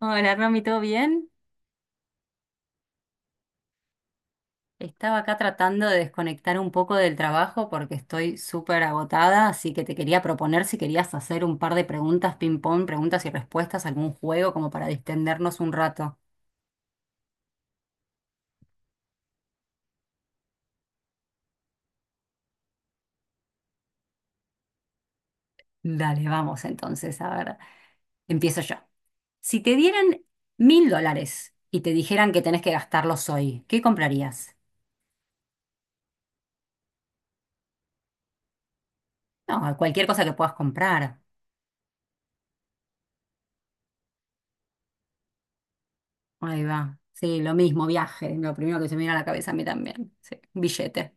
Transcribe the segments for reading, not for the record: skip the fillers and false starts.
Hola, Romy, ¿todo bien? Estaba acá tratando de desconectar un poco del trabajo porque estoy súper agotada, así que te quería proponer si querías hacer un par de preguntas ping-pong, preguntas y respuestas, algún juego como para distendernos un rato. Dale, vamos entonces, a ver, empiezo yo. Si te dieran mil dólares y te dijeran que tenés que gastarlos hoy, ¿qué comprarías? No, cualquier cosa que puedas comprar. Ahí va. Sí, lo mismo, viaje, lo primero que se me viene a la cabeza a mí también. Sí, billete.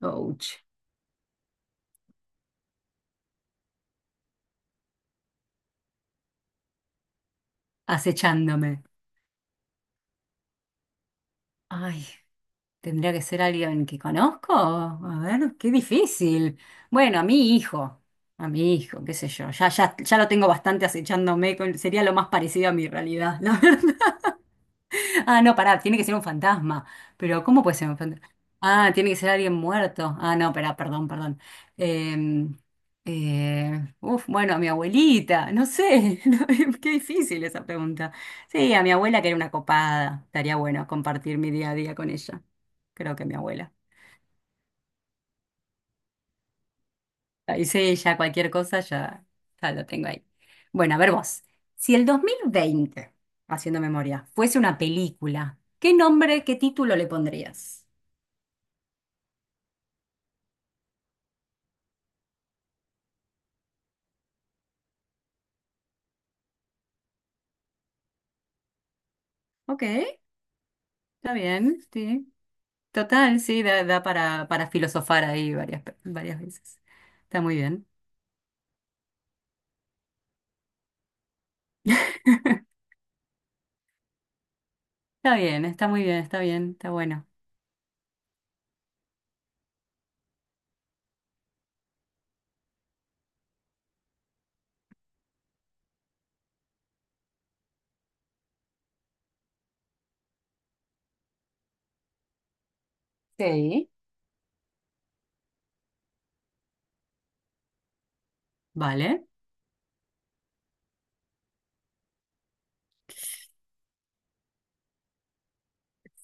Ouch. Acechándome. Ay, tendría que ser alguien que conozco. A ver, qué difícil. Bueno, a mi hijo, qué sé yo. Ya, ya, ya lo tengo bastante acechándome. Sería lo más parecido a mi realidad. Ah, no, pará, tiene que ser un fantasma. Pero, ¿cómo puede ser un fantasma? Ah, tiene que ser alguien muerto. Ah, no, pará, perdón, perdón. Eh, Uf, bueno, a mi abuelita, no sé. No, qué difícil esa pregunta. Sí, a mi abuela que era una copada. Estaría bueno compartir mi día a día con ella. Creo que mi abuela. Y sí, ya cualquier cosa ya, ya lo tengo ahí. Bueno, a ver vos. Si el 2020, haciendo memoria, fuese una película, ¿qué nombre, qué título le pondrías? Ok. Está bien, sí. Total, sí, da para filosofar ahí varias, varias veces. Está muy bien. Está bien, está muy bien, está bueno. Sí. Vale,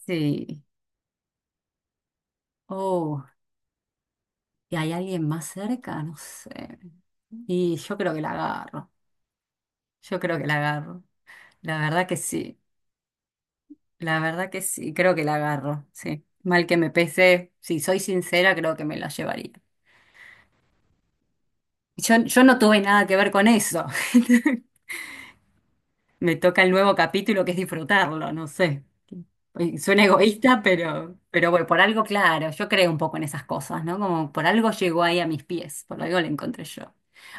sí. Oh, ¿y hay alguien más cerca? No sé. Y yo creo que la agarro. Yo creo que la agarro. La verdad que sí. La verdad que sí. Creo que la agarro. Sí. Mal que me pese, si soy sincera, creo que me la llevaría. Yo no tuve nada que ver con eso. Me toca el nuevo capítulo que es disfrutarlo, no sé. Y suena egoísta, pero bueno, por algo, claro, yo creo un poco en esas cosas, ¿no? Como por algo llegó ahí a mis pies, por algo lo encontré yo.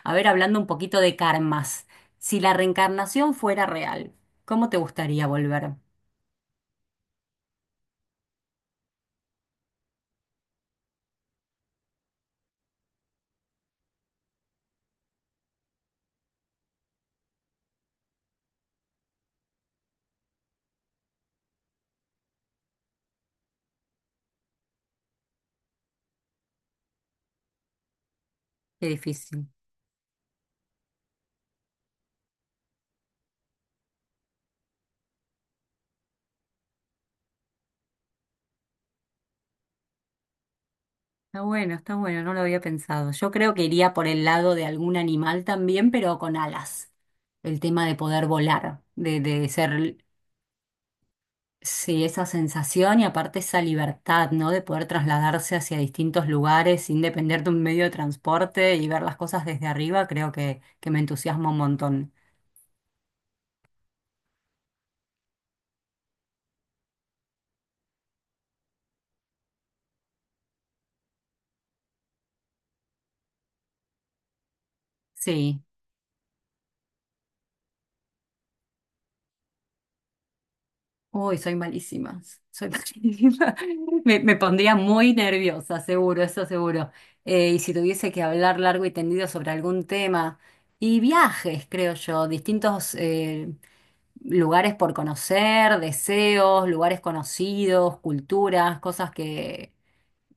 A ver, hablando un poquito de karmas, si la reencarnación fuera real, ¿cómo te gustaría volver? Qué difícil. Está bueno, no lo había pensado. Yo creo que iría por el lado de algún animal también, pero con alas. El tema de poder volar, de ser. Sí, esa sensación y aparte esa libertad, ¿no? De poder trasladarse hacia distintos lugares sin depender de un medio de transporte y ver las cosas desde arriba, creo que me entusiasma un montón. Sí. Uy, soy malísima. Soy malísima. Me pondría muy nerviosa, seguro, eso seguro. Y si tuviese que hablar largo y tendido sobre algún tema. Y viajes, creo yo, distintos lugares por conocer, deseos, lugares conocidos, culturas, cosas que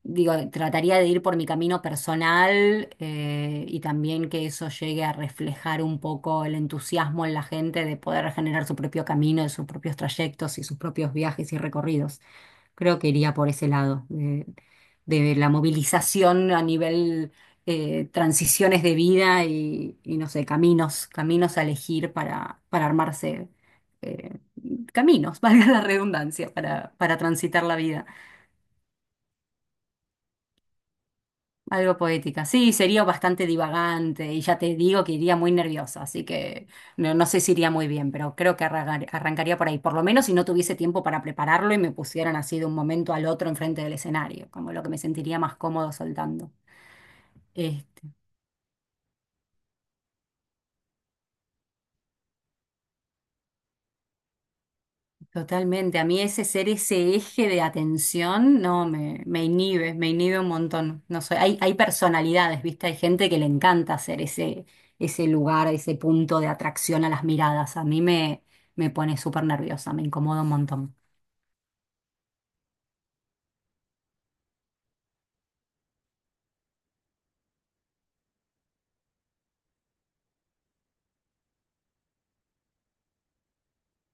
digo, trataría de ir por mi camino personal, y también que eso llegue a reflejar un poco el entusiasmo en la gente de poder generar su propio camino, de sus propios trayectos y sus propios viajes y recorridos. Creo que iría por ese lado, de la movilización a nivel, transiciones de vida y no sé, caminos, caminos a elegir para armarse. eh, Caminos, valga la redundancia, para transitar la vida. Algo poética. Sí, sería bastante divagante y ya te digo que iría muy nerviosa, así que no, no sé si iría muy bien, pero creo que arrancaría por ahí, por lo menos si no tuviese tiempo para prepararlo y me pusieran así de un momento al otro enfrente del escenario, como lo que me sentiría más cómodo soltando. Totalmente. A mí ese ser ese eje de atención no me inhibe, me inhibe un montón. No soy, hay personalidades, ¿viste? Hay gente que le encanta ser ese lugar, ese punto de atracción a las miradas. A mí me pone súper nerviosa, me incomoda un montón.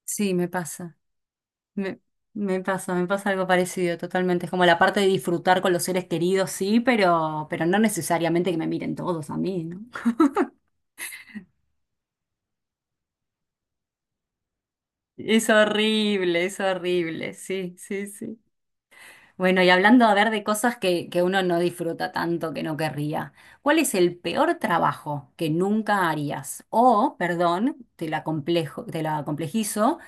Sí, me pasa. Me, me pasa, me pasa algo parecido, totalmente. Es como la parte de disfrutar con los seres queridos, sí, pero no necesariamente que me miren todos a mí, ¿no? Es horrible, es horrible. Sí, sí, sí. Bueno, y hablando a ver de cosas que uno no disfruta tanto, que no querría, ¿cuál es el peor trabajo que nunca harías? O, perdón, te la complejizo,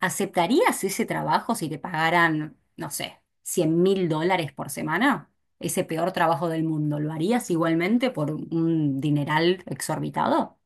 ¿aceptarías ese trabajo si te pagaran, no sé, 100 mil dólares por semana? Ese peor trabajo del mundo, ¿lo harías igualmente por un dineral exorbitado?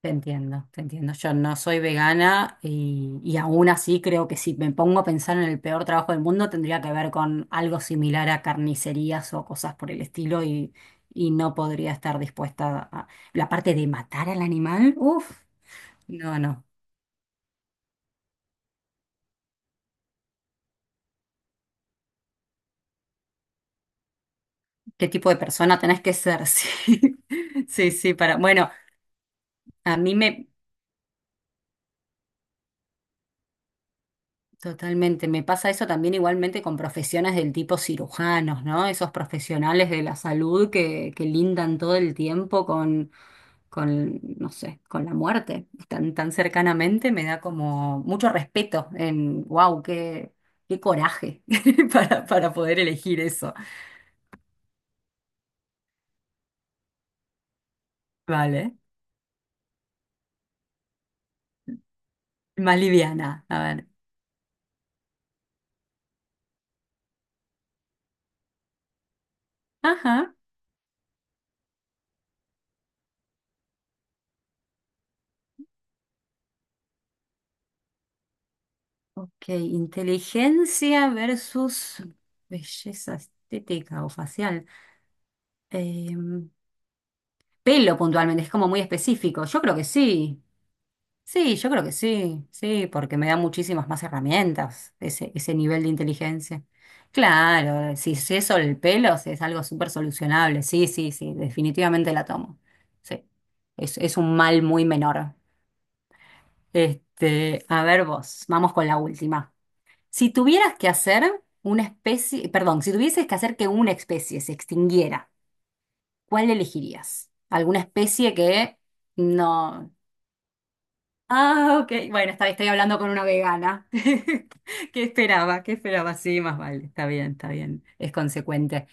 Te entiendo, te entiendo. Yo no soy vegana y aún así creo que si me pongo a pensar en el peor trabajo del mundo tendría que ver con algo similar a carnicerías o cosas por el estilo y no podría estar dispuesta a. La parte de matar al animal, uff, no, no. ¿Qué tipo de persona tenés que ser? Sí, sí, sí, para. Bueno, a mí me. Totalmente, me pasa eso también igualmente con profesiones del tipo cirujanos, ¿no? Esos profesionales de la salud que lindan todo el tiempo con, no sé, con la muerte, tan, tan cercanamente, me da como mucho respeto en, wow, qué coraje para poder elegir eso. Vale, más liviana, a ver. Ajá, ok, inteligencia versus belleza estética o facial. Em, Pelo puntualmente, es como muy específico. Yo creo que sí. Sí, yo creo que sí. Sí, porque me da muchísimas más herramientas ese nivel de inteligencia. Claro, si es eso el pelo, si es algo súper solucionable. Sí, sí, sí, definitivamente la tomo. Sí, es un mal muy menor. Este, a ver vos, vamos con la última. Si tuvieras que hacer una especie, perdón, si tuvieses que hacer que una especie se extinguiera, ¿cuál elegirías? ¿Alguna especie que? No. Ah, ok. Bueno, estoy hablando con una vegana. ¿Qué esperaba? ¿Qué esperaba? Sí, más vale. Está bien, está bien. Es consecuente.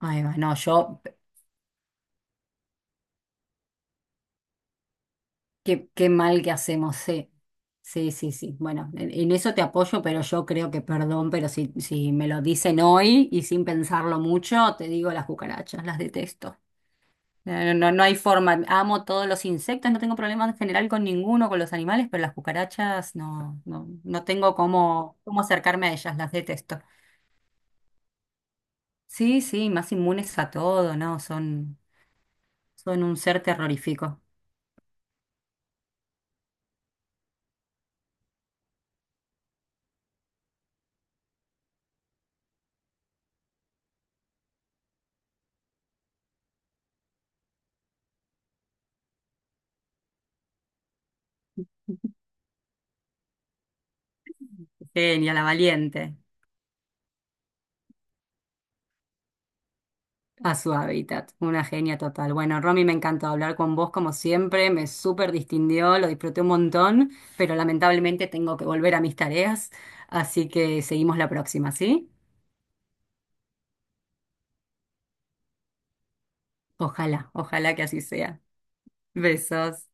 Ay, va, no, yo, qué mal que hacemos, sí. Sí, sí, sí. Bueno, en eso te apoyo, pero yo creo que, perdón, pero si me lo dicen hoy y sin pensarlo mucho, te digo las cucarachas, las detesto. No, no, no hay forma. Amo todos los insectos, no tengo problema en general con ninguno, con los animales, pero las cucarachas no, no, no tengo cómo acercarme a ellas, las detesto. Sí, sí, más inmunes a todo, ¿no? Son un ser terrorífico. Genia, la valiente, a su hábitat, una genia total. Bueno, Romy, me encantó hablar con vos como siempre, me súper distinguió, lo disfruté un montón, pero lamentablemente tengo que volver a mis tareas, así que seguimos la próxima, ¿sí? Ojalá, ojalá que así sea. Besos.